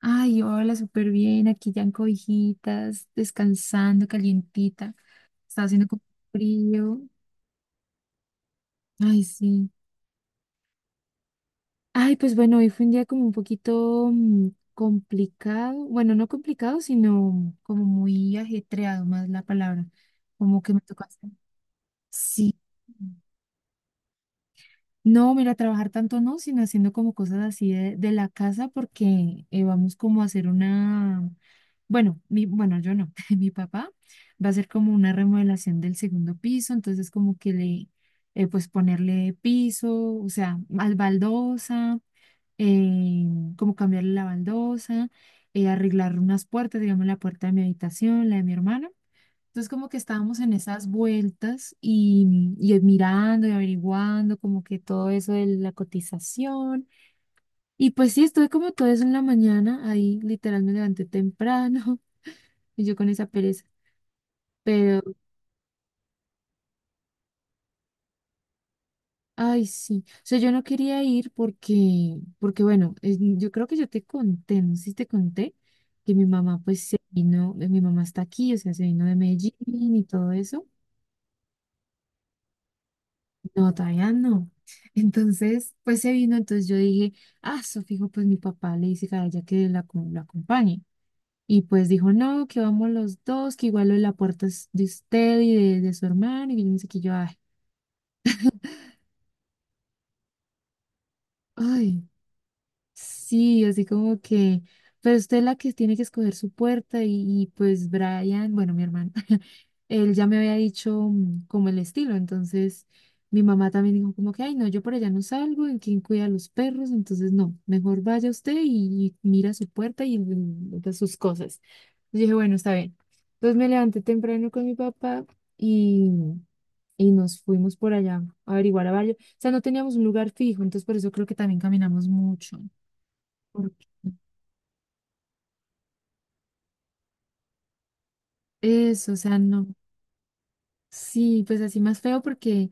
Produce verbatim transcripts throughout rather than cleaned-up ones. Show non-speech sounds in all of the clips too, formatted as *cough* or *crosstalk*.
Ay, hola, súper bien. Aquí ya en cobijitas, descansando, calientita. Estaba haciendo como frío. Ay, sí. Ay, pues bueno, hoy fue un día como un poquito mm, complicado. Bueno, no complicado, sino como muy ajetreado, más la palabra. Como que me tocó hacer. Sí. No, mira, trabajar tanto no, sino haciendo como cosas así de, de la casa porque eh, vamos como a hacer una, bueno, mi, bueno, yo no, *laughs* mi papá va a hacer como una remodelación del segundo piso, entonces como que le, eh, pues ponerle piso, o sea, al baldosa, eh, como cambiarle la baldosa, eh, arreglar unas puertas, digamos la puerta de mi habitación, la de mi hermano. Entonces como que estábamos en esas vueltas y, y mirando y averiguando como que todo eso de la cotización. Y pues sí, estuve como todo eso en la mañana, ahí literal me levanté temprano *laughs* y yo con esa pereza. Pero, ay, sí, o sea, yo no quería ir porque, porque bueno, es- yo creo que yo te conté, no sé si te conté, que mi mamá pues se vino, eh, mi mamá está aquí, o sea, se vino de Medellín y todo eso. No, todavía no. Entonces, pues se vino, entonces yo dije, ah, su fijo, pues mi papá le dice a ella que la, acom- la acompañe. Y pues dijo, no, que vamos los dos, que igual lo de la puerta es de usted y de, de su hermano, y yo no sé qué, yo, ay, ay. Sí, así como que, pero usted es la que tiene que escoger su puerta y, y pues Brian, bueno, mi hermano, *laughs* él ya me había dicho mm, como el estilo, entonces mi mamá también dijo como que, ay, no, yo por allá no salgo, ¿en quién cuida a los perros? Entonces, no, mejor vaya usted y, y mira su puerta y, mm, de sus cosas. Yo dije, bueno, está bien. Entonces me levanté temprano con mi papá y, y nos fuimos por allá a averiguar a varios, o sea, no teníamos un lugar fijo, entonces por eso creo que también caminamos mucho. Por- Eso, o sea, no. Sí, pues así más feo porque,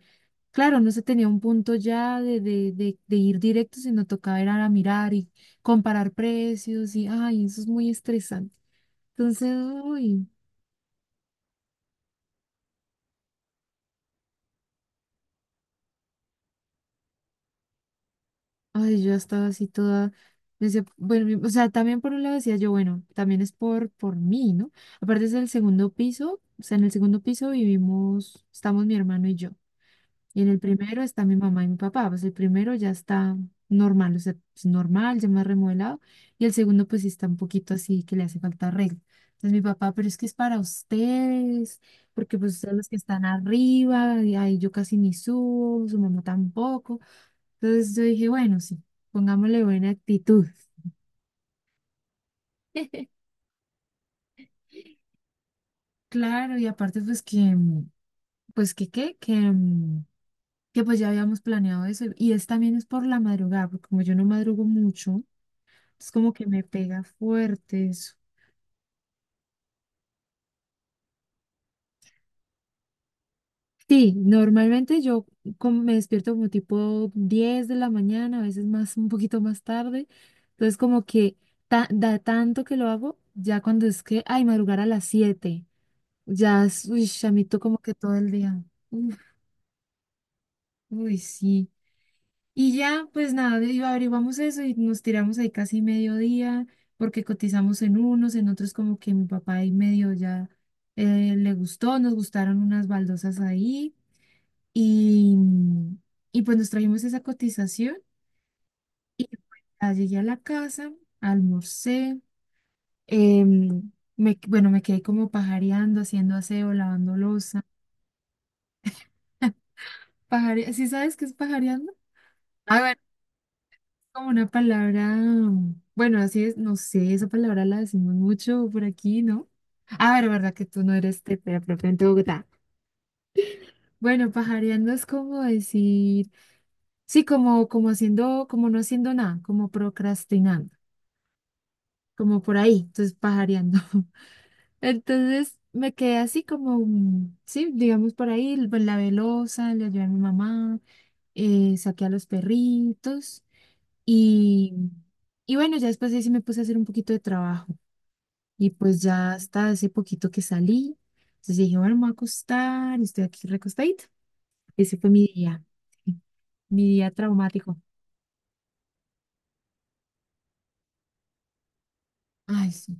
claro, no se tenía un punto ya de, de, de, de ir directo, sino tocaba ir a mirar y comparar precios y, ay, eso es muy estresante. Entonces, uy, ay, yo estaba así toda, decía, bueno, mi- o sea, también por un lado decía yo, bueno, también es por, por mí, ¿no? Aparte es el segundo piso, o sea, en el segundo piso vivimos, estamos mi hermano y yo. En el primero está mi mamá y mi papá. Pues el primero ya está normal, o sea, es normal, ya más remodelado. Y el segundo, pues sí está un poquito así que le hace falta arreglo. Entonces mi papá, pero es que es para ustedes, porque pues ustedes los que están arriba, y ahí yo casi ni subo, su mamá tampoco. Entonces yo dije, bueno, sí, pongámosle buena actitud. Claro, y aparte pues que, mm, pues que qué, que, mm, que pues ya habíamos planeado eso. Y es también es por la madrugada, porque como yo no madrugo mucho. Es como que me pega fuerte eso. Sí, normalmente yo como me despierto como tipo diez de la mañana, a veces más, un poquito más tarde. Entonces como que ta- da tanto que lo hago, ya cuando es que, ay, madrugar a las siete ya, es- uy, chamito como que todo el día. Uf, uy, sí. Y ya, pues nada, y averiguamos eso y nos tiramos ahí casi mediodía, porque cotizamos en unos, en otros como que mi papá ahí medio ya eh, le gustó, nos gustaron unas baldosas ahí y, y pues nos trajimos esa cotización y pues, ya llegué a la casa, almorcé, em, me, bueno, me quedé como pajareando, haciendo aseo, lavando loza. Pajare, ¿sí sabes qué es pajareando? Ah, como una palabra, bueno, así es, no sé, esa palabra la decimos mucho por aquí, ¿no? A ver, ¿verdad que tú no eres de de propiamente Bogotá? Bueno, pajareando es como decir, sí, como, como haciendo, como no haciendo nada, como procrastinando, como por ahí, entonces pajareando. *laughs* Entonces me quedé así como, mm, sí, digamos por ahí, l- pues, la velosa, le ayudé a mi mamá, eh, saqué a los perritos y... Y bueno, ya después ahí sí me puse a hacer un poquito de trabajo. Y pues ya hasta hace poquito que salí, entonces dije, bueno, me voy a acostar, y estoy aquí recostadita. Ese fue mi día, mi día traumático. Ay, sí.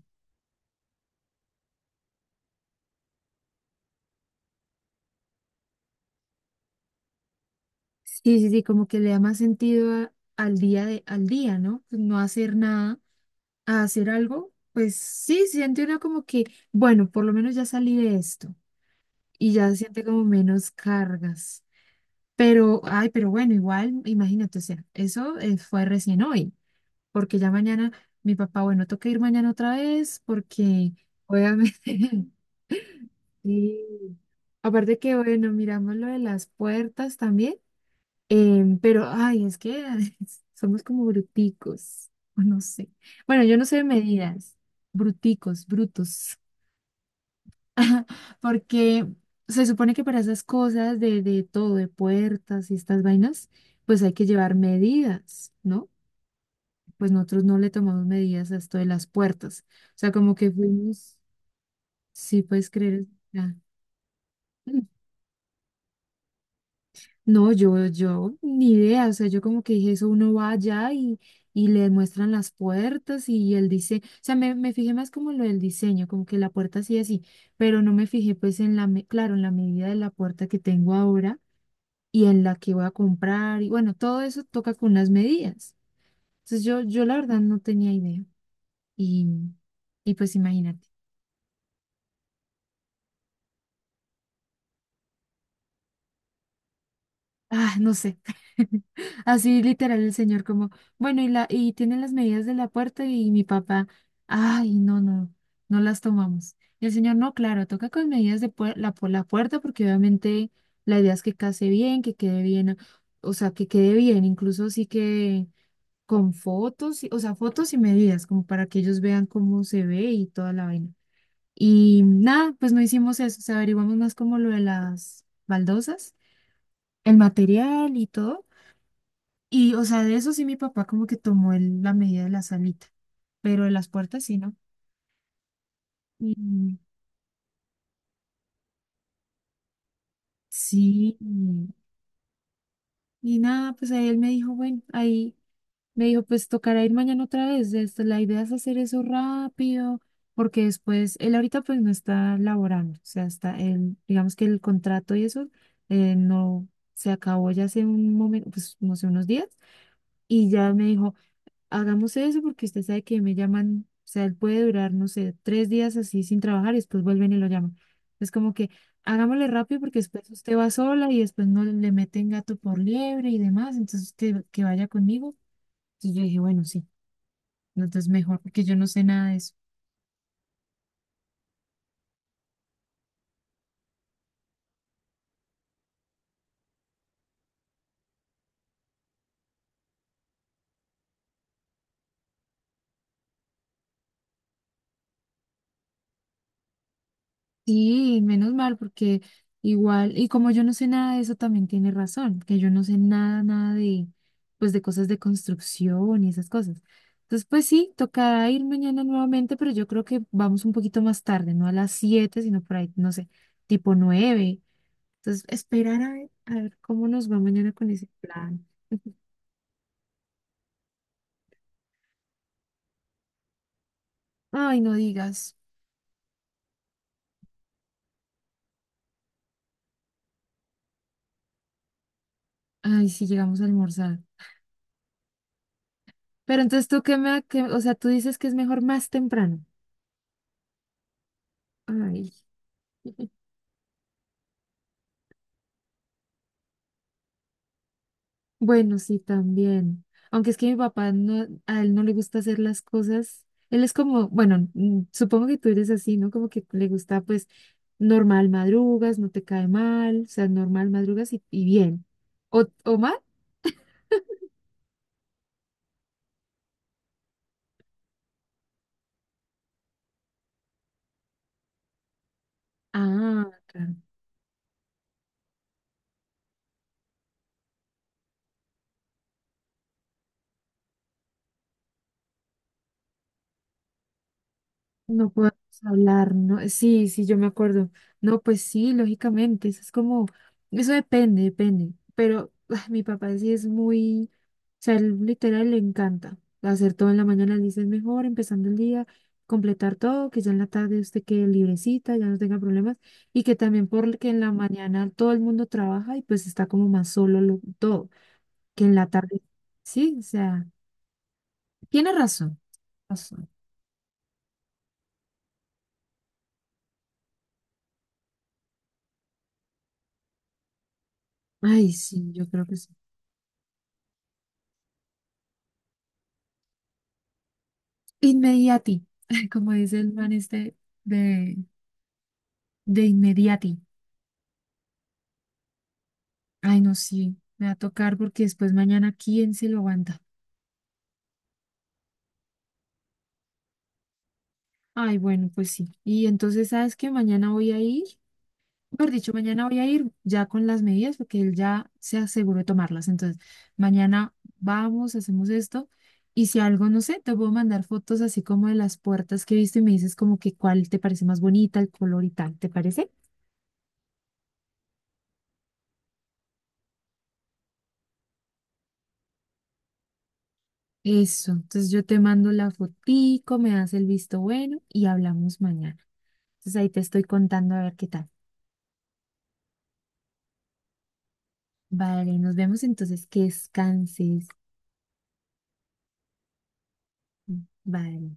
Sí, sí, sí, como que le da más sentido a- al día de, al día, ¿no? Pues no hacer nada, a hacer algo, pues sí, siente uno como que, bueno, por lo menos ya salí de esto y ya siente como menos cargas. Pero, ay, pero bueno, igual, imagínate, o sea, eso eh, fue recién hoy. Porque ya mañana mi papá, bueno, toca ir mañana otra vez porque obviamente, *laughs* sí. Aparte que, bueno, miramos lo de las puertas también, em, pero, ay, es que *laughs* somos como bruticos, o no sé. Bueno, yo no sé de medidas, bruticos, brutos, *laughs* porque se supone que para esas cosas de, de todo, de puertas y estas vainas, pues hay que llevar medidas, ¿no? Pues nosotros no le tomamos medidas a esto de las puertas. O sea, como que fuimos, sí puedes creer. Ah, mm, *laughs* no, yo, yo, ni idea. O sea, yo como que dije eso, uno va allá y, y le muestran las puertas y el diseño. O sea, me, me fijé más como lo del diseño, como que la puerta sí así, pero no me fijé pues en la, me- claro, en la medida de la puerta que tengo ahora y en la que voy a comprar. Y bueno, todo eso toca con las medidas. Entonces yo, yo la verdad no tenía idea. Y, y pues imagínate. Ah, no sé. *laughs* Así literal el señor como, bueno, y la, y tienen las medidas de la puerta y mi papá, ay, no, no, no las tomamos. Y el señor, no, claro, toca con medidas de puer- la, por la puerta porque obviamente la idea es que case bien, que quede bien, o sea, que quede bien, incluso sí que con fotos, y- o sea, fotos y medidas, como para que ellos vean cómo se ve y toda la vaina. Y nada, pues no hicimos eso, o sea, averiguamos más como lo de las baldosas, el material y todo, y, o sea, de eso sí mi papá como que tomó el- la medida de la salita, pero de las puertas sí, ¿no? Y sí, y, y nada, pues ahí él me dijo, bueno, ahí me dijo, pues tocará ir mañana otra vez, esto, la idea es hacer eso rápido, porque después, él ahorita pues no está laborando, o sea, está, él, digamos que el contrato y eso, eh, no, se acabó ya hace un momento, pues no sé, unos días, y ya me dijo, hagamos eso porque usted sabe que me llaman, o sea, él puede durar, no sé, tres días así sin trabajar y después vuelven y lo llaman. Es como que hagámosle rápido porque después usted va sola y después no le meten gato por liebre y demás, entonces usted que vaya conmigo. Entonces yo dije, bueno, sí, no, entonces mejor porque yo no sé nada de eso. Sí, menos mal, porque igual, y como yo no sé nada de eso, también tiene razón, que yo no sé nada, nada de, pues de cosas de construcción y esas cosas. Entonces, pues sí, tocará ir mañana nuevamente, pero yo creo que vamos un poquito más tarde, no a las siete sino por ahí, no sé, tipo nueve. Entonces, esperar a ver, a ver cómo nos va mañana con ese plan. Ay, no digas, ay, si llegamos a almorzar. Pero entonces tú qué me, qué- o sea, tú dices que es mejor más temprano. Ay. Bueno, sí, también. Aunque es que mi papá no, a él no le gusta hacer las cosas. Él es como, bueno, mm, supongo que tú eres así, ¿no? Como que le gusta, pues, normal madrugas, no te cae mal, o sea, normal madrugas y, y bien. ¿O, o mal? Ah, claro. No podemos hablar, no, sí, sí, yo me acuerdo. No, pues sí, lógicamente, eso es como, eso depende, depende. Pero ah, mi papá sí es muy, o sea, él literal le encanta hacer todo en la mañana, él dice es mejor empezando el día, completar todo, que ya en la tarde usted quede librecita, ya no tenga problemas, y que también porque en la mañana todo el mundo trabaja y pues está como más solo lo- todo, que en la tarde, sí, o sea, tiene razón, razón. Ay, sí, yo creo que sí. Inmediati, *laughs* como dice el man este de, de inmediati. Ay, no, sí, me va a tocar porque después mañana, ¿quién se lo aguanta? Ay, bueno, pues sí. Y entonces, ¿sabes qué? Mañana voy a ir, por dicho, mañana voy a ir ya con las medidas porque él ya se aseguró de tomarlas. Entonces, mañana vamos, hacemos esto. Y si algo, no sé, te puedo mandar fotos así como de las puertas que he visto y me dices como que cuál te parece más bonita, el color y tal, ¿te parece? Eso, entonces yo te mando la fotico, me das el visto bueno y hablamos mañana. Entonces ahí te estoy contando a ver qué tal. Vale, nos vemos entonces, que descanses. Vale.